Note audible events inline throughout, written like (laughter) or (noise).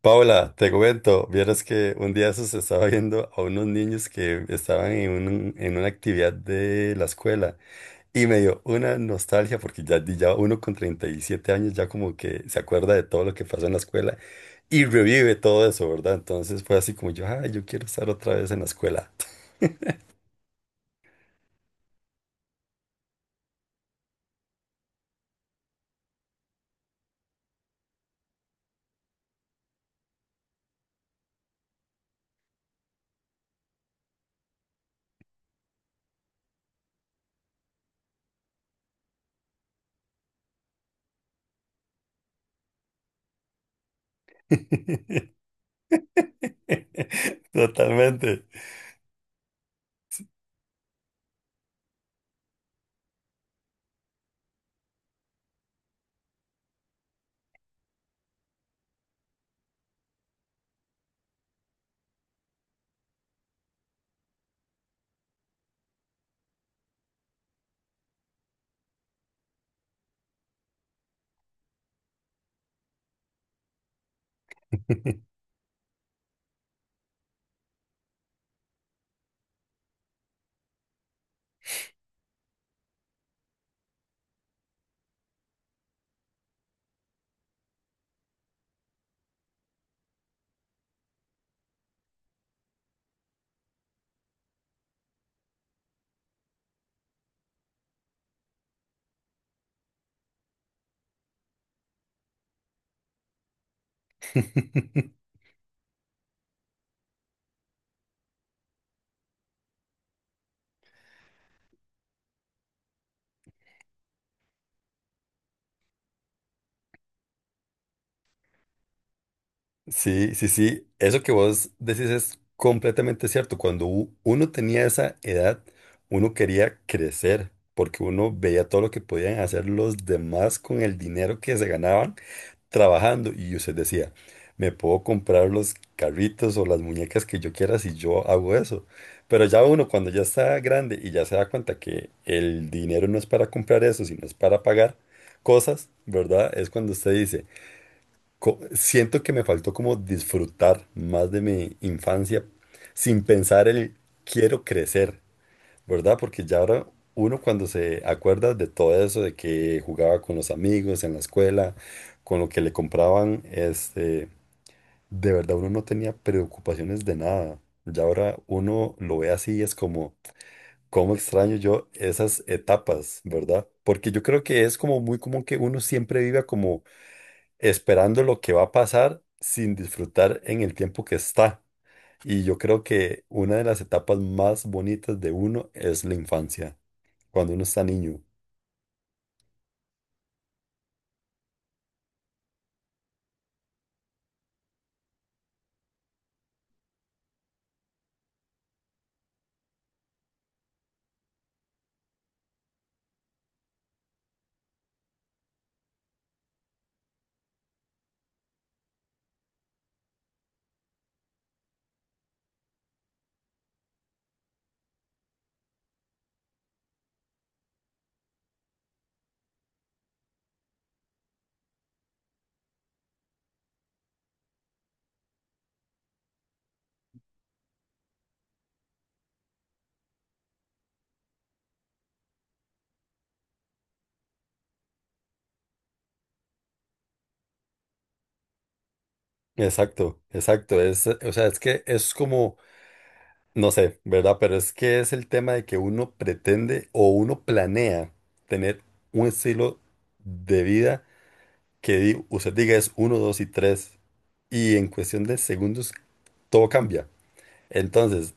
Paula, te comento, vieras que un día eso se estaba viendo a unos niños que estaban en una actividad de la escuela y me dio una nostalgia porque ya uno con 37 años ya como que se acuerda de todo lo que pasó en la escuela y revive todo eso, ¿verdad? Entonces fue así como yo, ay, yo quiero estar otra vez en la escuela. (laughs) Totalmente. (laughs) Sí, sí, sí. Eso que vos decís es completamente cierto. Cuando uno tenía esa edad, uno quería crecer porque uno veía todo lo que podían hacer los demás con el dinero que se ganaban trabajando. Y usted decía, me puedo comprar los carritos o las muñecas que yo quiera si yo hago eso. Pero ya uno cuando ya está grande y ya se da cuenta que el dinero no es para comprar eso, sino es para pagar cosas, ¿verdad? Es cuando usted dice siento que me faltó como disfrutar más de mi infancia sin pensar el quiero crecer, ¿verdad? Porque ya ahora uno cuando se acuerda de todo eso, de que jugaba con los amigos en la escuela, con lo que le compraban, este, de verdad uno no tenía preocupaciones de nada. Ya ahora uno lo ve así, es como, cómo extraño yo esas etapas, ¿verdad? Porque yo creo que es como muy común que uno siempre viva como esperando lo que va a pasar sin disfrutar en el tiempo que está. Y yo creo que una de las etapas más bonitas de uno es la infancia, cuando uno está niño. Exacto, exacto. O sea, es que es como, no sé, ¿verdad? Pero es que es el tema de que uno pretende o uno planea tener un estilo de vida que usted diga es uno, dos y tres. Y en cuestión de segundos todo cambia. Entonces,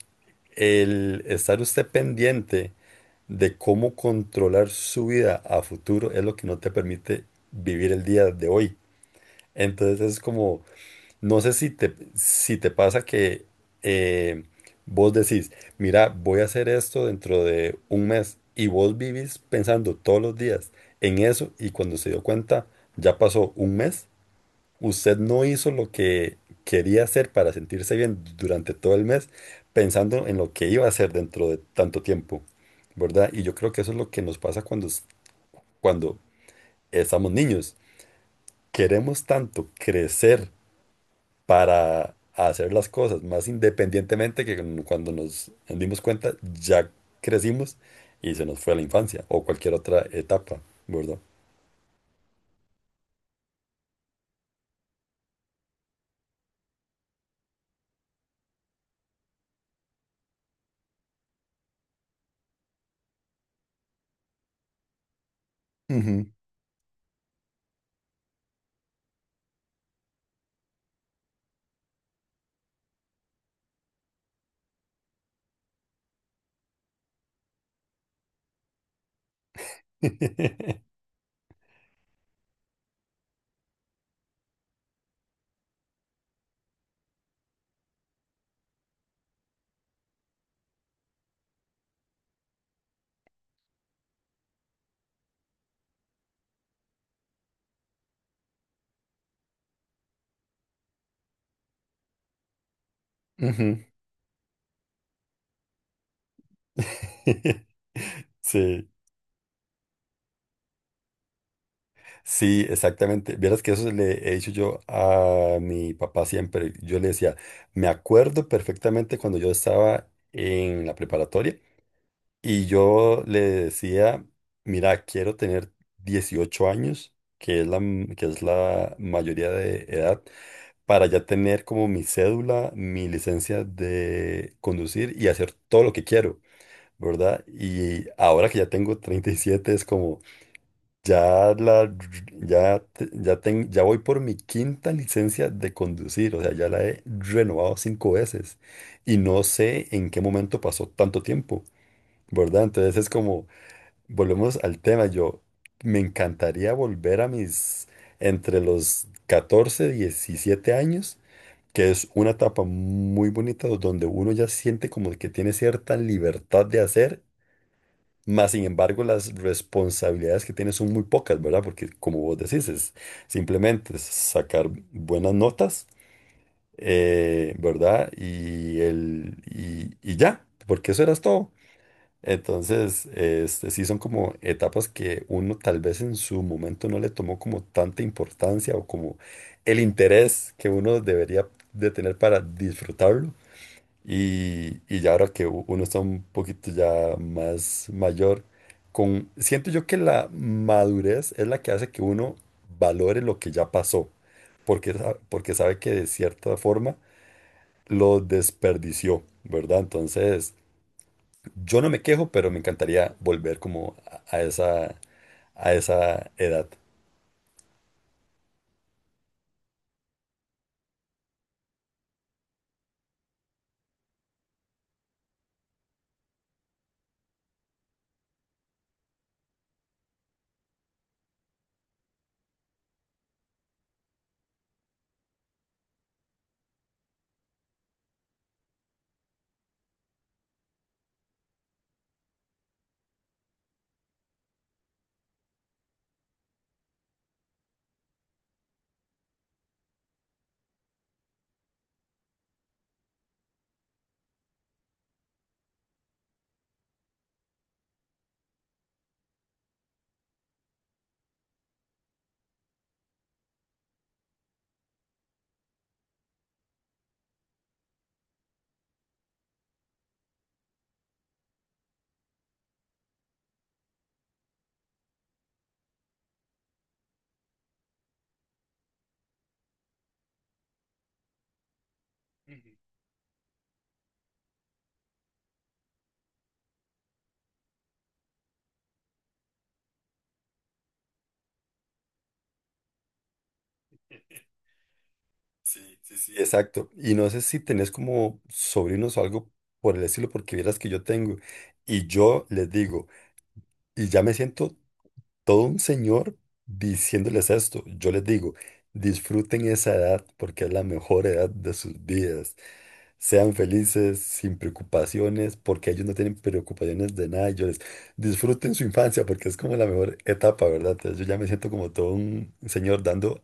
el estar usted pendiente de cómo controlar su vida a futuro es lo que no te permite vivir el día de hoy. Entonces es como, no sé si te pasa que eh, vos decís, mira, voy a hacer esto dentro de un mes y vos vivís pensando todos los días en eso y cuando se dio cuenta ya pasó un mes. Usted no hizo lo que quería hacer para sentirse bien durante todo el mes, pensando en lo que iba a hacer dentro de tanto tiempo, ¿verdad? Y yo creo que eso es lo que nos pasa cuando estamos niños. Queremos tanto crecer para hacer las cosas más independientemente que cuando nos dimos cuenta ya crecimos y se nos fue la infancia o cualquier otra etapa, ¿verdad? Ujú. (laughs) Ujú. (laughs) Sí. Sí, exactamente. Vieras que eso le he dicho yo a mi papá siempre. Yo le decía, me acuerdo perfectamente cuando yo estaba en la preparatoria y yo le decía, mira, quiero tener 18 años, que es que es la mayoría de edad, para ya tener como mi cédula, mi licencia de conducir y hacer todo lo que quiero, ¿verdad? Y ahora que ya tengo 37 es como... Ya la, ya, te- ya, ten- Ya voy por mi quinta licencia de conducir, o sea, ya la he renovado cinco veces y no sé en qué momento pasó tanto tiempo, ¿verdad? Entonces es como, volvemos al tema, yo me encantaría volver a mis, entre los 14 17 años, que es una etapa muy bonita donde uno ya siente como que tiene cierta libertad de hacer más. Sin embargo, las responsabilidades que tiene son muy pocas, ¿verdad? Porque como vos decís, es simplemente sacar buenas notas, ¿verdad? Y ya, porque eso eras todo. Entonces, este, sí son como etapas que uno tal vez en su momento no le tomó como tanta importancia o como el interés que uno debería de tener para disfrutarlo. Y ya ahora que uno está un poquito ya más mayor, con, siento yo que la madurez es la que hace que uno valore lo que ya pasó, porque sabe que de cierta forma lo desperdició, ¿verdad? Entonces, yo no me quejo, pero me encantaría volver como a esa edad. Sí, sí, sí. Exacto. Y no sé si tenés como sobrinos o algo por el estilo, porque vieras que yo tengo. Y yo les digo, y ya me siento todo un señor diciéndoles esto. Yo les digo, disfruten esa edad porque es la mejor edad de sus vidas. Sean felices, sin preocupaciones, porque ellos no tienen preocupaciones de nada. Y yo les disfruten su infancia, porque es como la mejor etapa, ¿verdad? Entonces yo ya me siento como todo un señor dando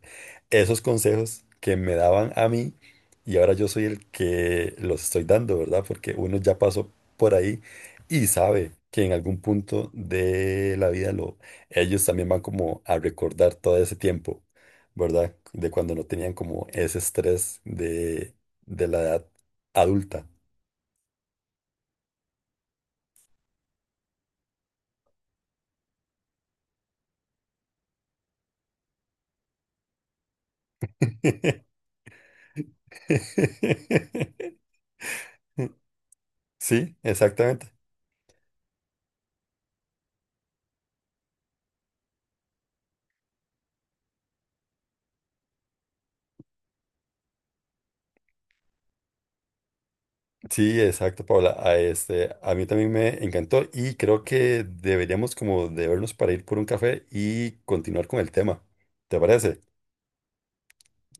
esos consejos que me daban a mí y ahora yo soy el que los estoy dando, ¿verdad? Porque uno ya pasó por ahí y sabe que en algún punto de la vida lo, ellos también van como a recordar todo ese tiempo, ¿verdad? De cuando no tenían como ese estrés de la edad adulta. (laughs) Sí, exactamente. Sí, exacto, Paula. A mí también me encantó y creo que deberíamos como de vernos para ir por un café y continuar con el tema. ¿Te parece?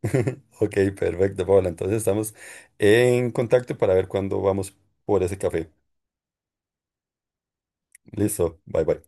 (laughs) Ok, perfecto, Paula. Entonces estamos en contacto para ver cuándo vamos por ese café. Listo, bye bye.